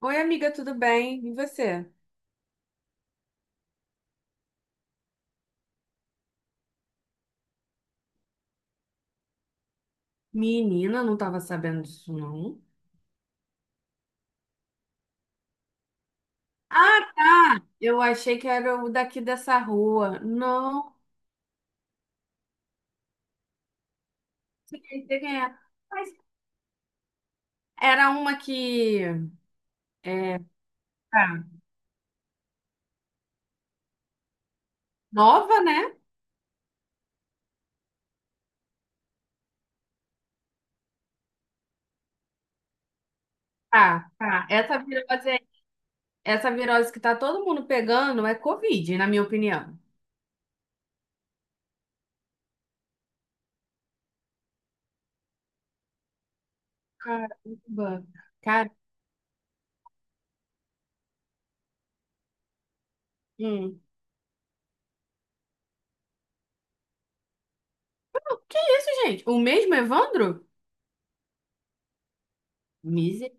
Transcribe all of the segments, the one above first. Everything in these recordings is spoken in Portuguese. Oi, amiga, tudo bem? E você? Menina, não tava sabendo disso, não. Ah, tá! Eu achei que era o daqui dessa rua. Não, sei quem é. Mas era uma que é tá, nova, né? Tá, tá. Essa virose, essa virose que tá todo mundo pegando é Covid, na minha opinião. Caramba. Cara, hum. Que isso, gente? O mesmo Evandro? Miser...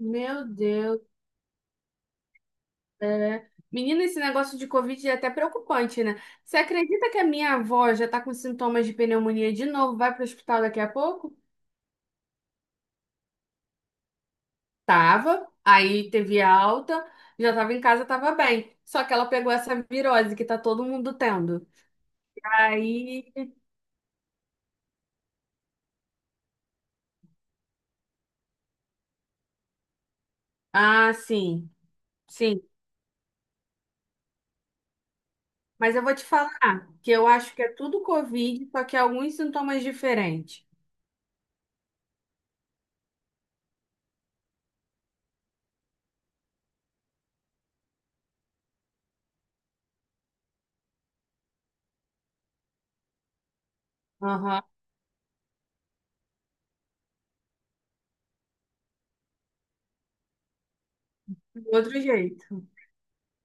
Meu Deus. É. Menina, esse negócio de Covid é até preocupante, né? Você acredita que a minha avó já tá com sintomas de pneumonia de novo? Vai pro hospital daqui a pouco? Tava, aí teve alta, já tava em casa, tava bem. Só que ela pegou essa virose que tá todo mundo tendo. Aí. Ah, sim, sim. Mas eu vou te falar que eu acho que é tudo Covid, só que é alguns sintomas diferentes. Aham, de outro jeito.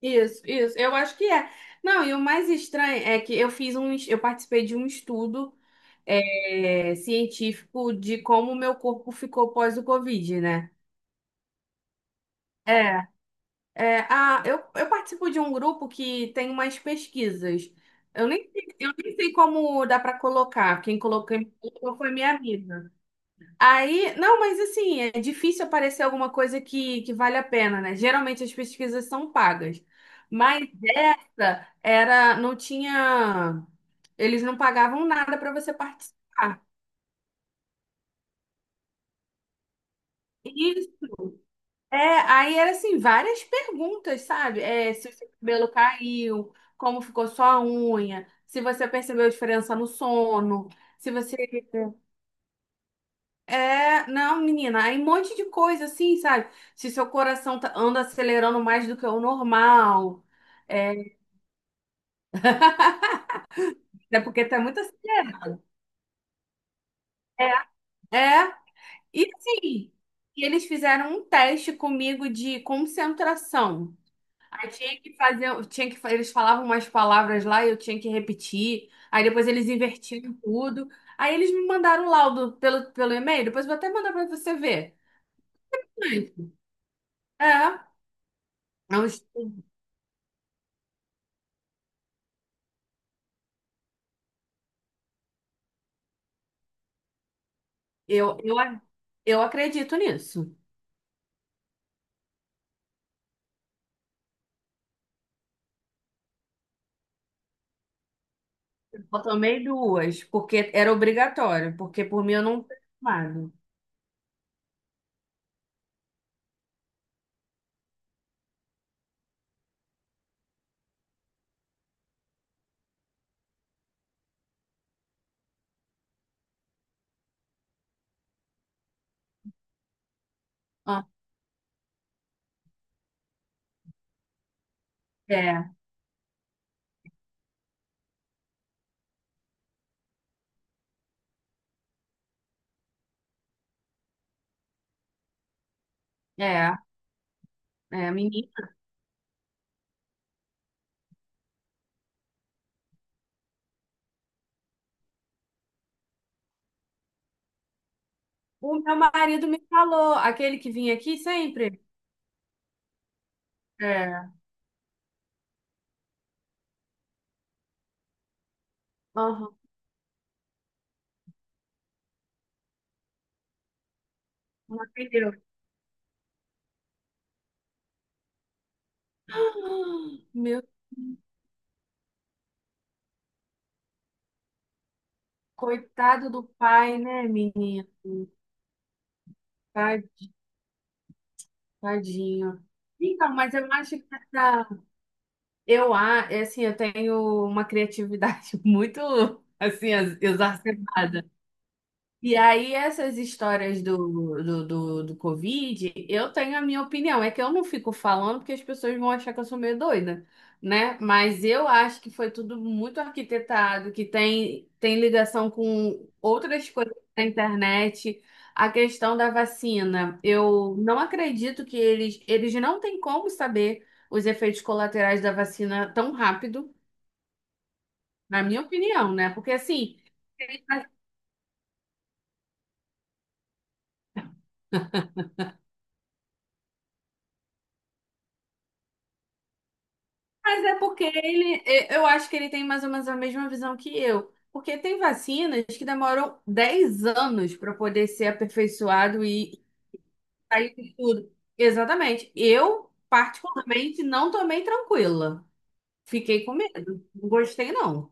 Isso, eu acho que é. Não, e o mais estranho é que eu eu participei de um estudo, é, científico de como o meu corpo ficou pós o Covid, né? É, é a, eu participo de um grupo que tem umas pesquisas. Eu nem sei como dá para colocar. Quem colocou foi minha amiga. Aí, não, mas assim, é difícil aparecer alguma coisa que vale a pena, né? Geralmente as pesquisas são pagas. Mas essa era, não tinha, eles não pagavam nada para você participar. Isso. É, aí era assim, várias perguntas, sabe? É, se o seu cabelo caiu, como ficou sua unha, se você percebeu a diferença no sono, se você É, não, menina, aí um monte de coisa assim, sabe? Se seu anda acelerando mais do que o normal, é, é porque tá muito acelerado. É, é, e assim, e eles fizeram um teste comigo de concentração. Aí tinha que fazer, eles falavam umas palavras lá e eu tinha que repetir. Aí depois eles invertiram tudo. Aí eles me mandaram o laudo pelo e-mail, depois eu vou até mandar pra você ver. É, é um. Eu, eu, a- eu acredito nisso. Eu tomei duas, porque era obrigatório, porque por mim eu não teria tomado. Ah, é, é, menina. O meu marido me falou, aquele que vinha aqui sempre. É, aham, não atendeu. Meu, coitado do pai, né, menina? Tad- Tadinho. Então, mas eu acho que essa, é assim, eu tenho uma criatividade muito, assim, exacerbada. E aí, essas histórias do Covid, eu tenho a minha opinião. É que eu não fico falando porque as pessoas vão achar que eu sou meio doida, né? Mas eu acho que foi tudo muito arquitetado, que tem ligação com outras coisas da internet. A questão da vacina, eu não acredito que eles não têm como saber os efeitos colaterais da vacina tão rápido, na minha opinião, né? Porque assim. Mas é porque ele, eu acho que ele tem mais ou menos a mesma visão que eu. Porque tem vacinas que demoram 10 anos para poder ser aperfeiçoado e sair de tudo. Exatamente. Eu, particularmente, não tomei tranquila. Fiquei com medo. Não gostei, não.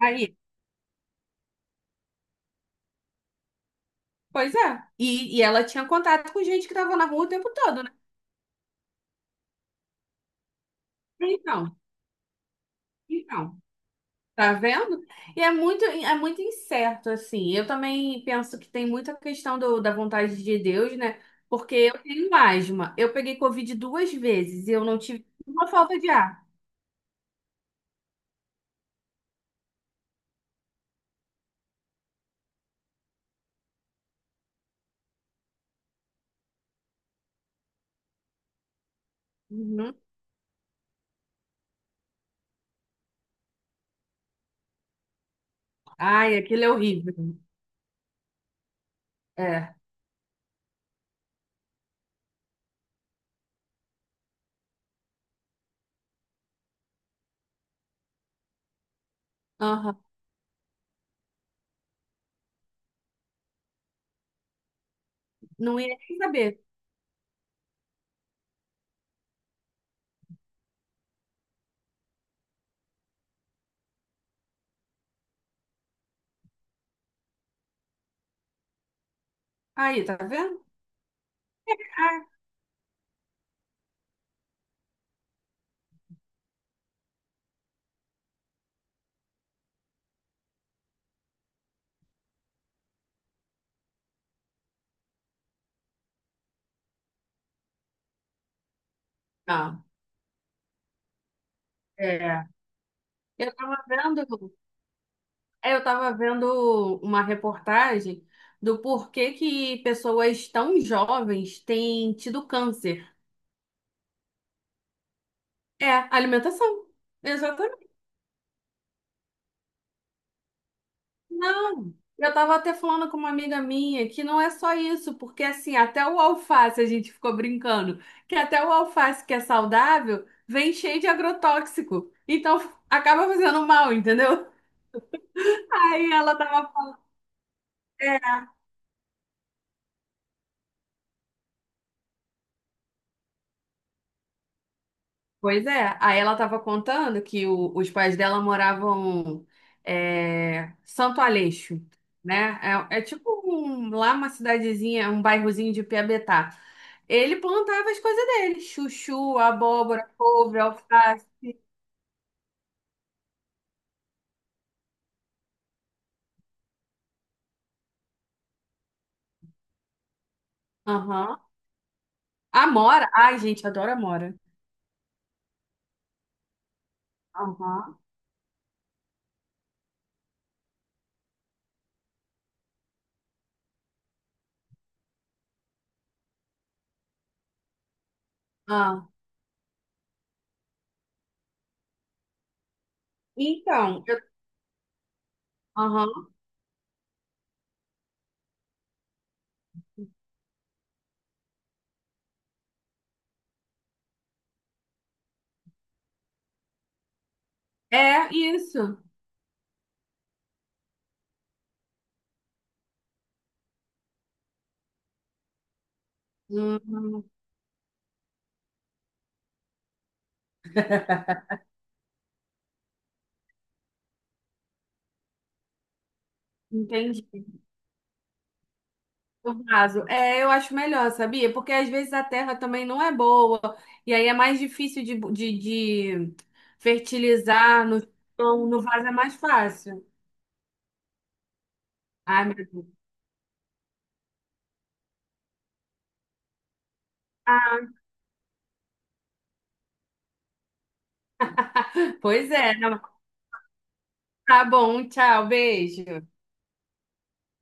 Aí, pois é. E ela tinha contato com gente que estava na rua o tempo todo, né? Então, então. Tá vendo? E é muito incerto, assim. Eu também penso que tem muita questão da vontade de Deus, né? Porque eu tenho asma. Eu peguei Covid duas vezes e eu não tive uma falta de ar. Uhum. Ai, aquilo é horrível. É. Aham. Não ia nem saber. Aí, tá vendo? Ah, não. É. Eu tava vendo, eu tava vendo uma reportagem do porquê que pessoas tão jovens têm tido câncer. É, alimentação. Exatamente. Não. Eu tava até falando com uma amiga minha que não é só isso, porque assim, até o alface a gente ficou brincando, que até o alface que é saudável vem cheio de agrotóxico. Então acaba fazendo mal, entendeu? Aí ela tava. Pois é, aí ela estava contando que os pais dela moravam, é, Santo Aleixo, né? É, é tipo lá uma cidadezinha, um bairrozinho de Piabetá. Ele plantava as coisas dele. Chuchu, abóbora, couve, alface. Aham. Amora. Ai, gente, adoro amora. Aham. Ah. Então, eu... Aham. É isso. Hum, entendi. No caso, é, eu acho melhor, sabia? Porque às vezes a terra também não é boa. E aí é mais difícil de fertilizar no chão. No vaso é mais fácil. Ai, meu Deus. Ah, pois é. Não. Tá bom. Tchau. Beijo.